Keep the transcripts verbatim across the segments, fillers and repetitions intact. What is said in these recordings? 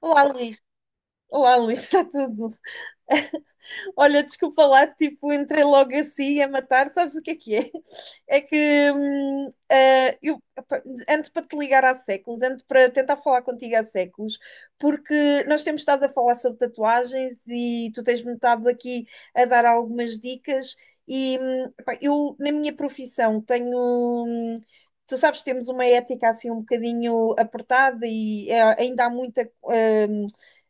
Olá, Luís. Olá, Luís, está tudo? Olha, desculpa lá, tipo, entrei logo assim a matar, sabes o que é que é? É que hum, ah, eu opa, ando para te ligar há séculos, ando para tentar falar contigo há séculos, porque nós temos estado a falar sobre tatuagens e tu tens-me estado aqui a dar algumas dicas. E hum, pá, eu, na minha profissão, tenho. Hum, Tu sabes, temos uma ética assim um bocadinho apertada e eh, ainda há muita. hum,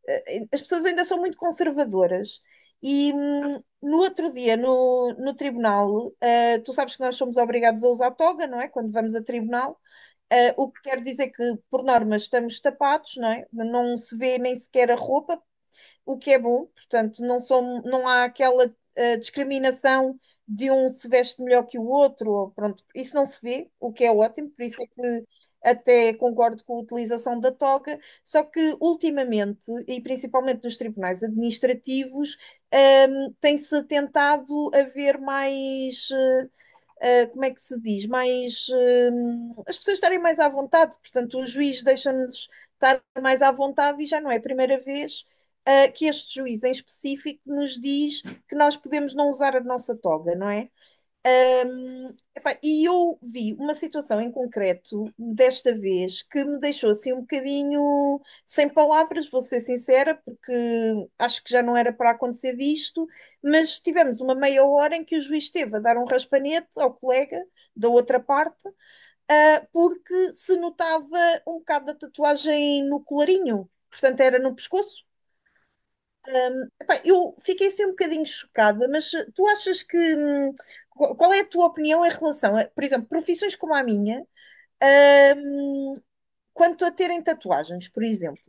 eh, as pessoas ainda são muito conservadoras e hum, no outro dia, no, no tribunal, eh, tu sabes que nós somos obrigados a usar toga, não é? Quando vamos a tribunal, Eh, o que quer dizer que, por norma, estamos tapados, não é? Não se vê nem sequer a roupa, o que é bom, portanto, não, são, não há aquela uh, discriminação de um se veste melhor que o outro, ou pronto, isso não se vê, o que é ótimo, por isso é que até concordo com a utilização da toga, só que ultimamente, e principalmente nos tribunais administrativos, um, tem-se tentado haver mais, eh, ah, como é que se diz, mais, hum, as pessoas estarem mais à vontade, portanto, o juiz deixa-nos estar mais à vontade e já não é a primeira vez ah, que este juiz em específico nos diz que nós podemos não usar a nossa toga, não é? Epá, e eu vi uma situação em concreto, desta vez, que me deixou assim um bocadinho sem palavras, vou ser sincera, porque acho que já não era para acontecer disto, mas tivemos uma meia hora em que o juiz esteve a dar um raspanete ao colega da outra parte, ah, porque se notava um bocado da tatuagem no colarinho, portanto era no pescoço. Epá, eu fiquei assim um bocadinho chocada, mas eh, tu achas que. hum, qu- Qual é a tua opinião em relação a, por exemplo, profissões como a minha, hum, quanto a terem tatuagens, por exemplo?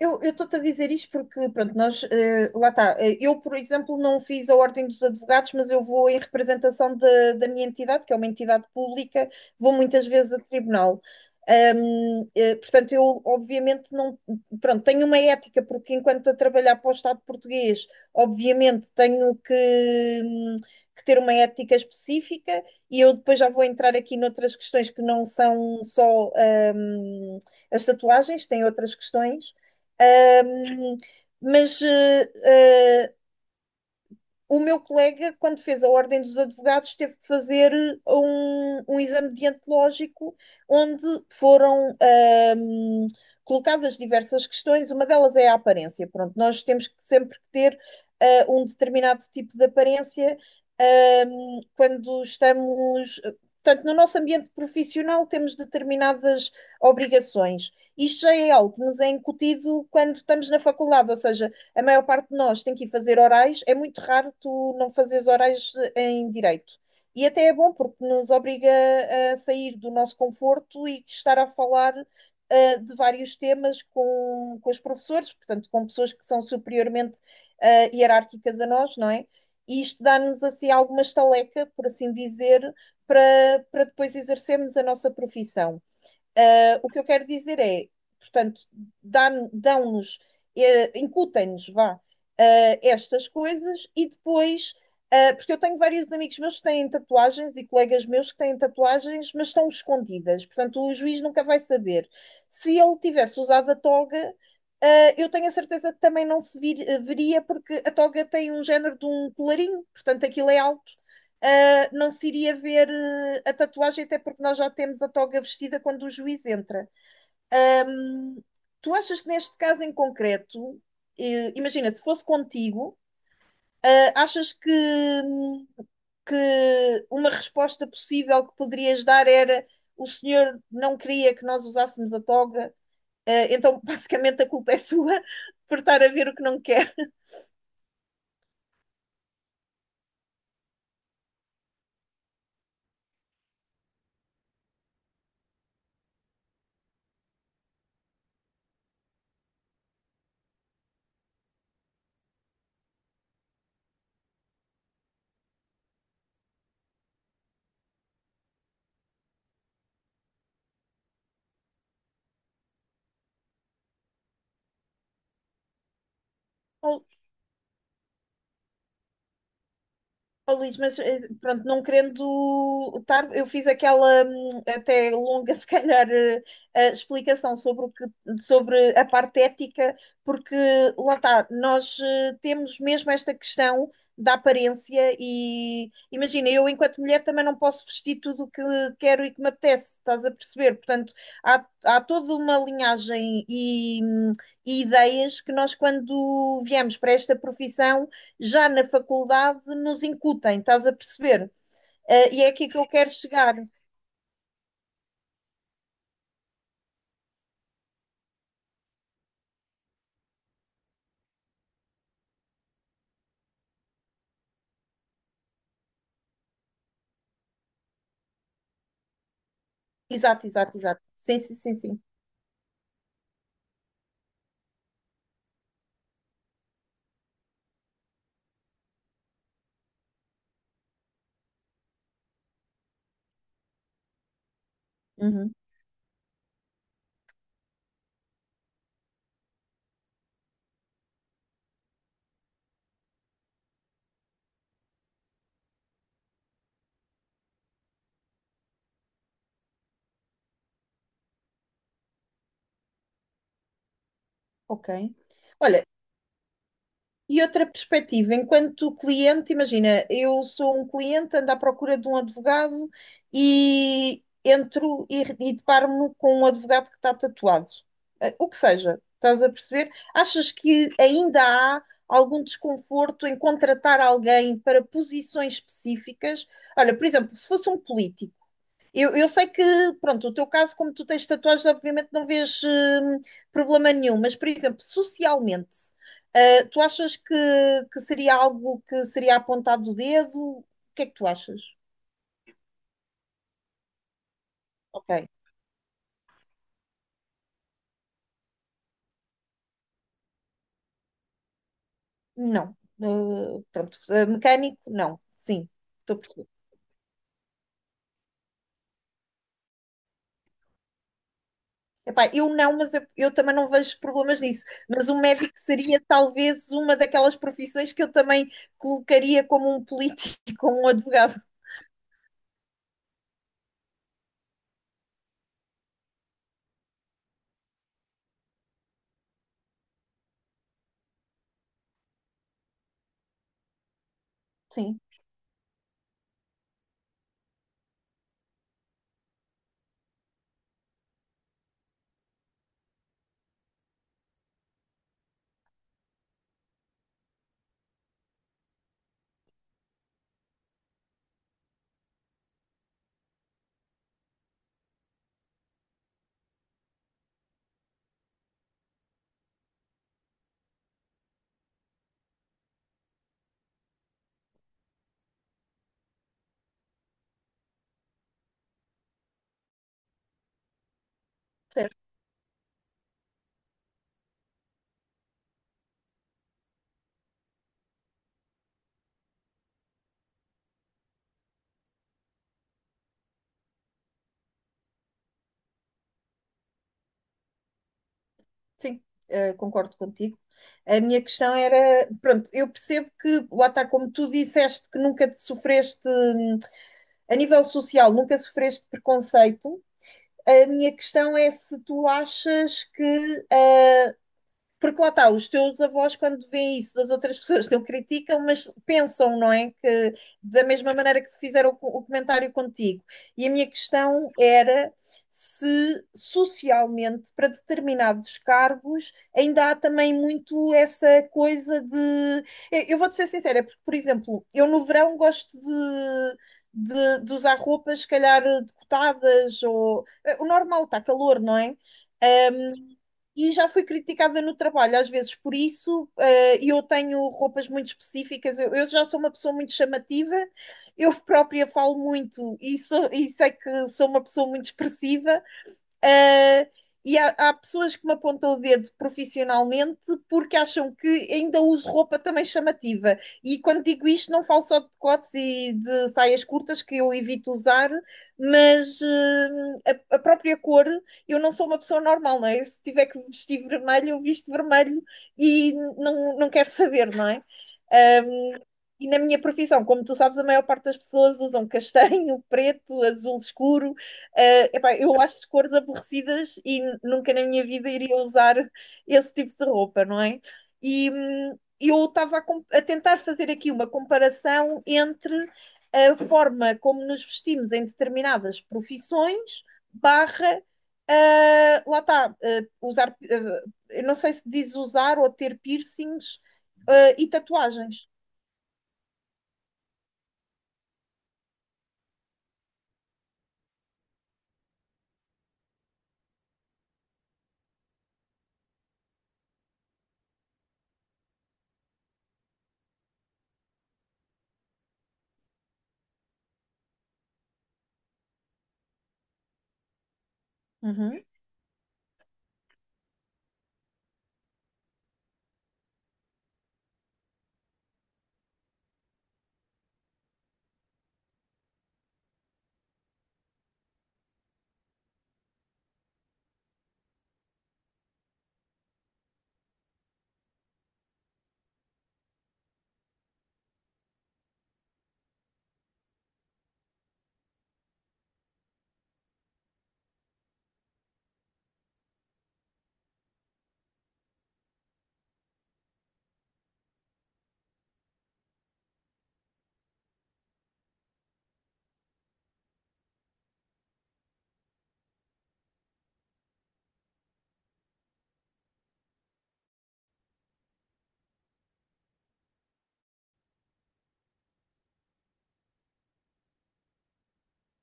Eu, eu estou-te a dizer isto porque, pronto, nós, eh, lá está. Eh, eu, por exemplo, não fiz a Ordem dos Advogados, mas eu vou em representação da da minha entidade, que é uma entidade pública. Vou muitas vezes a tribunal. Ahm, eh, portanto, eu, obviamente, não, pronto, tenho uma ética, porque enquanto a trabalhar para o Estado português, obviamente, tenho que, hum, que ter uma ética específica, e eu depois já vou entrar aqui noutras questões que não são só, ahm, as tatuagens, têm outras questões. Ahm, mas eh, eh, o meu colega, quando fez a Ordem dos Advogados, teve que fazer um, um exame deontológico onde foram ahm, colocadas diversas questões. Uma delas é a aparência. Pronto, nós temos que sempre que ter ah, um determinado tipo de aparência ahm, quando estamos. Portanto, no nosso ambiente profissional temos determinadas obrigações. Isto já é algo que nos é incutido quando estamos na faculdade, ou seja, a maior parte de nós tem que ir fazer orais, é muito raro tu não fazeres orais em direito. E até é bom porque nos obriga a sair do nosso conforto e estar a falar uh, de vários temas com, com os professores, portanto, com pessoas que são superiormente uh, hierárquicas a nós, não é? E isto dá-nos assim alguma estaleca, por assim dizer, para, para depois exercermos a nossa profissão. Ah, o que eu quero dizer é, portanto, dão-nos, eh, incutem-nos, vá, ah, estas coisas e depois, ah, porque eu tenho vários amigos meus que têm tatuagens e colegas meus que têm tatuagens, mas estão escondidas, portanto, o juiz nunca vai saber. Se ele tivesse usado a toga, ah, eu tenho a certeza que também não se vir- eh, veria, porque a toga tem um género de um colarinho, portanto, aquilo é alto, ah, não se iria ver eh, a tatuagem, até porque nós já temos a toga vestida quando o juiz entra. Ahm, tu achas que neste caso em concreto, eh, imagina, se fosse contigo, ah, achas que, hum, que uma resposta possível que poderias dar era: o senhor não queria que nós usássemos a toga, ah, então basicamente a culpa é sua por estar a ver o que não quer. Ou Oh, Luís, mas eh, pronto, não querendo estar, eu fiz aquela hum, até longa, se calhar, eh, eh, explicação sobre o que, sobre a parte ética, porque lá está, nós eh, temos mesmo esta questão da aparência e imagina, eu enquanto mulher também não posso vestir tudo o que quero e que me apetece, estás a perceber? Portanto, há, há toda uma linhagem e, hum, e ideias que nós, quando viemos para esta profissão, já na faculdade nos incutem, estás a perceber? Uh, e é aqui que eu quero chegar. Exato, exato, exato. Sim, sim, sim, sim. Uhum, ok. Olha, e outra perspectiva, enquanto cliente, imagina, eu sou um cliente, ando à procura de um advogado e entro e, e deparo-me com um advogado que está tatuado. Eh, O que seja, estás a perceber? Achas que ainda há algum desconforto em contratar alguém para posições específicas? Olha, por exemplo, se fosse um político. Eu, eu sei que, pronto, o teu caso, como tu tens tatuagens, obviamente não vês hum, problema nenhum, mas, por exemplo, socialmente, ah, tu achas que, que seria algo que seria apontado o dedo? O que é que tu achas? Ok, não. Ah, pronto, ah, mecânico, não. Sim, estou a perceber. Epá, eu não, mas eu, eu também não vejo problemas nisso. Mas o médico seria talvez uma daquelas profissões que eu também colocaria como um político, como um advogado. Sim. Sim, eh, concordo contigo. A minha questão era, pronto, eu percebo que, lá está, como tu disseste, que nunca te sofreste, hum, a nível social, nunca sofreste preconceito. A minha questão é se tu achas que, porque lá está, os teus avós, quando veem isso das outras pessoas, não criticam, mas pensam, não é? Que da mesma maneira que fizeram o o comentário contigo. E a minha questão era se socialmente, para determinados cargos, ainda há também muito essa coisa de. Eu eu vou-te ser sincera, é porque, por exemplo, eu no verão gosto de. De, de usar roupas, se calhar, decotadas, ou. eh, o normal, está calor, não é? E já fui criticada no trabalho, às vezes por isso, eh, e eu tenho roupas muito específicas, eu, eu já sou uma pessoa muito chamativa, eu própria falo muito e, sou- e sei que sou uma pessoa muito expressiva. Uh, e há, há pessoas que me apontam o dedo profissionalmente porque acham que ainda uso roupa também chamativa. E quando digo isto, não falo só de decotes e de saias curtas, que eu evito usar, mas uh, a, a própria cor. Eu não sou uma pessoa normal, não é? Se tiver que vestir vermelho, eu visto vermelho e não, não quero saber, não é? Um, e na minha profissão, como tu sabes, a maior parte das pessoas usam castanho, preto, azul escuro. eh, epá, eu acho cores aborrecidas e nunca na minha vida iria usar esse tipo de roupa, não é? E hum, eu estava a, com- a tentar fazer aqui uma comparação entre a forma como nos vestimos em determinadas profissões, barra, ah, lá está, ah, usar, ah, eu não sei se diz usar ou ter piercings, ah, e tatuagens. Uhum.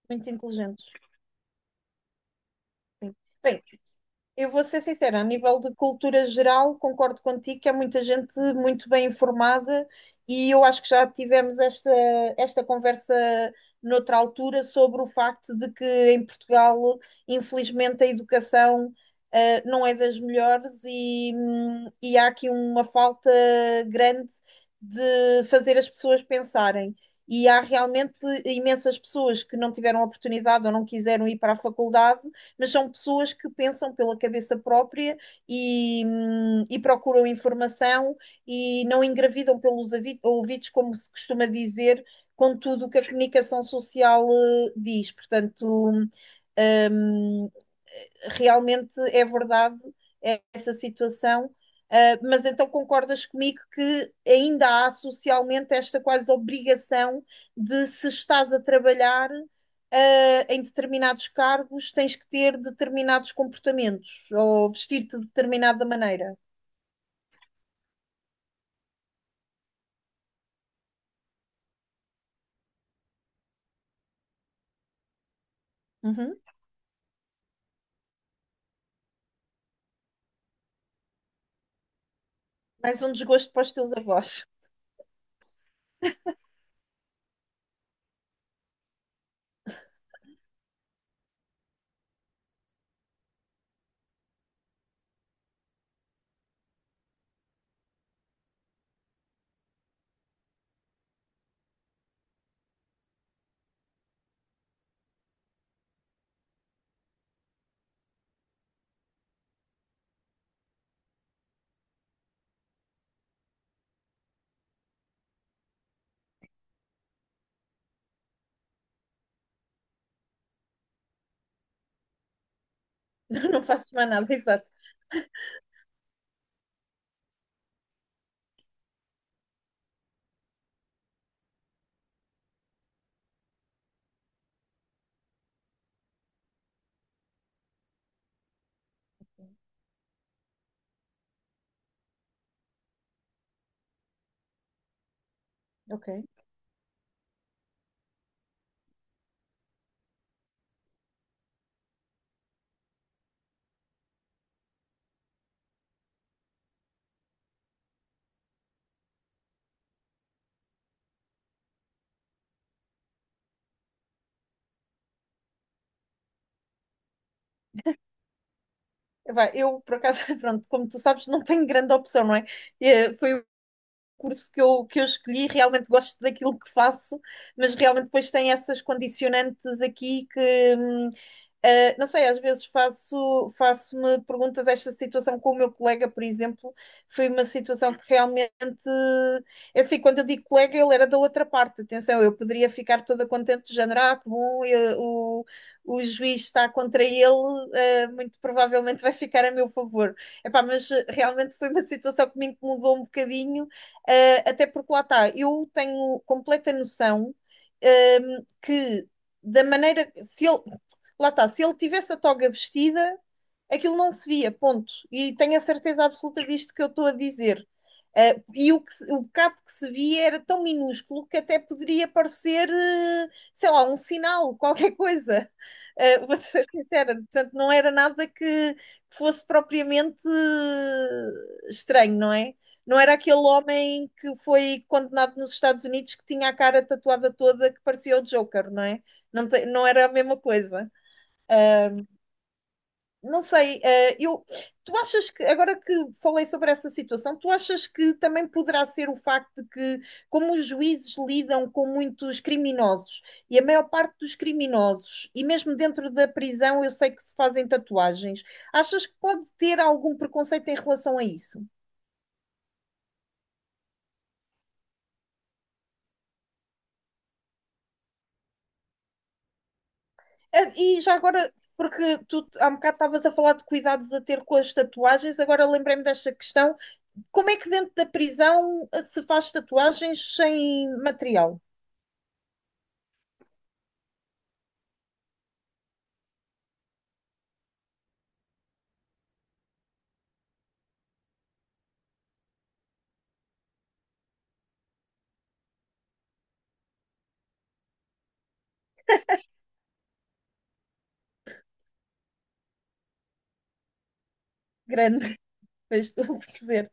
Muito inteligentes. Sim. Bem, eu vou ser sincera, a nível de cultura geral, concordo contigo que há muita gente muito bem informada e eu acho que já tivemos esta, esta conversa noutra altura sobre o facto de que em Portugal, infelizmente, a educação, eh, não é das melhores e, hum, e há aqui uma falta grande de fazer as pessoas pensarem. E há realmente imensas pessoas que não tiveram oportunidade ou não quiseram ir para a faculdade, mas são pessoas que pensam pela cabeça própria e, hum, e procuram informação e não engravidam pelos ouvidos, como se costuma dizer, com tudo o que a comunicação social eh, diz. Portanto, hum, realmente é verdade essa situação, uh, mas então concordas comigo que ainda há socialmente esta quase obrigação de, se estás a trabalhar uh, em determinados cargos, tens que ter determinados comportamentos ou vestir-te de determinada maneira. Uhum. Mais um desgosto para os teus avós. Não faço mais nada, exato. Ok. Vai, eu, por acaso, pronto, como tu sabes, não tenho grande opção, não é? Eh, Foi curso que eu, que eu escolhi, realmente gosto daquilo que faço, mas realmente depois tem essas condicionantes aqui que, hum, Uh, não sei, às vezes faço, faço-me perguntas. Esta situação com o meu colega, por exemplo, foi uma situação que realmente. É assim, quando eu digo colega, ele era da outra parte. Atenção, eu poderia ficar toda contente, do género, ah, que bom, eu- o, o juiz está contra ele, uh, muito provavelmente vai ficar a meu favor. Epá, mas uh, realmente foi uma situação que me incomodou um bocadinho, uh, até porque lá está, eu tenho completa noção, um, que da maneira, se ele Lá está, se ele tivesse a toga vestida, aquilo não se via, ponto. E tenho a certeza absoluta disto que eu estou a dizer. Uh, e o, que, o bocado que se via era tão minúsculo que até poderia parecer, uh, sei lá, um sinal, qualquer coisa. Uh, vou ser sincera, portanto, não era nada que fosse propriamente uh, estranho, não é? Não era aquele homem que foi condenado nos Estados Unidos que tinha a cara tatuada toda que parecia o Joker, não é? Não, te- não era a mesma coisa. Não sei, eh, eu, tu achas que, agora que falei sobre essa situação, tu achas que também poderá ser o facto de que, como os juízes lidam com muitos criminosos, e a maior parte dos criminosos, e mesmo dentro da prisão, eu sei que se fazem tatuagens, achas que pode ter algum preconceito em relação a isso? Eh, e já agora, porque tu há um bocado estavas a falar de cuidados a ter com as tatuagens, agora lembrei-me desta questão, como é que dentro da prisão eh, se faz tatuagens sem material? Grande, mas estou a perceber.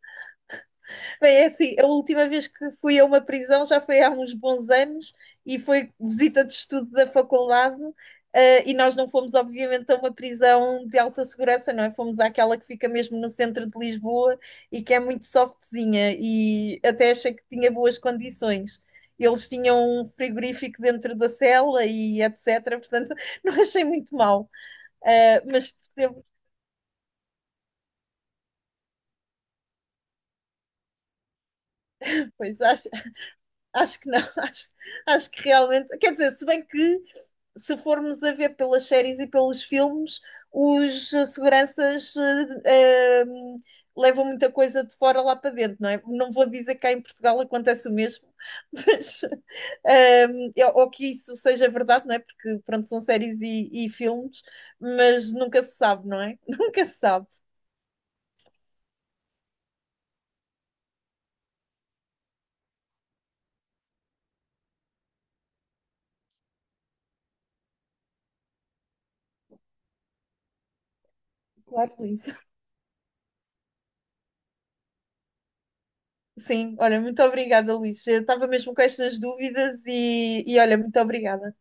Bem, é assim, a última vez que fui a uma prisão já foi há uns bons anos e foi visita de estudo da faculdade. eh, e nós não fomos, obviamente, a uma prisão de alta segurança, não é? Fomos àquela que fica mesmo no centro de Lisboa e que é muito softzinha e até achei que tinha boas condições. Eles tinham um frigorífico dentro da cela e et cetera. Portanto, não achei muito mal. Eh, mas percebo depois, acho, Acho que não, acho, acho que realmente. Quer dizer, se bem que se formos a ver pelas séries e pelos filmes, os eh, seguranças eh, eh, levam muita coisa de fora lá para dentro, não é? Não vou dizer que cá em Portugal acontece o mesmo, mas eh, eu- ou que isso seja verdade, não é? Porque pronto, são séries e, e filmes, mas nunca se sabe, não é? Nunca se sabe. Claro, Luís. Sim, olha, muito obrigada, Luís. Eu estava mesmo com estas dúvidas e, e olha, muito obrigada.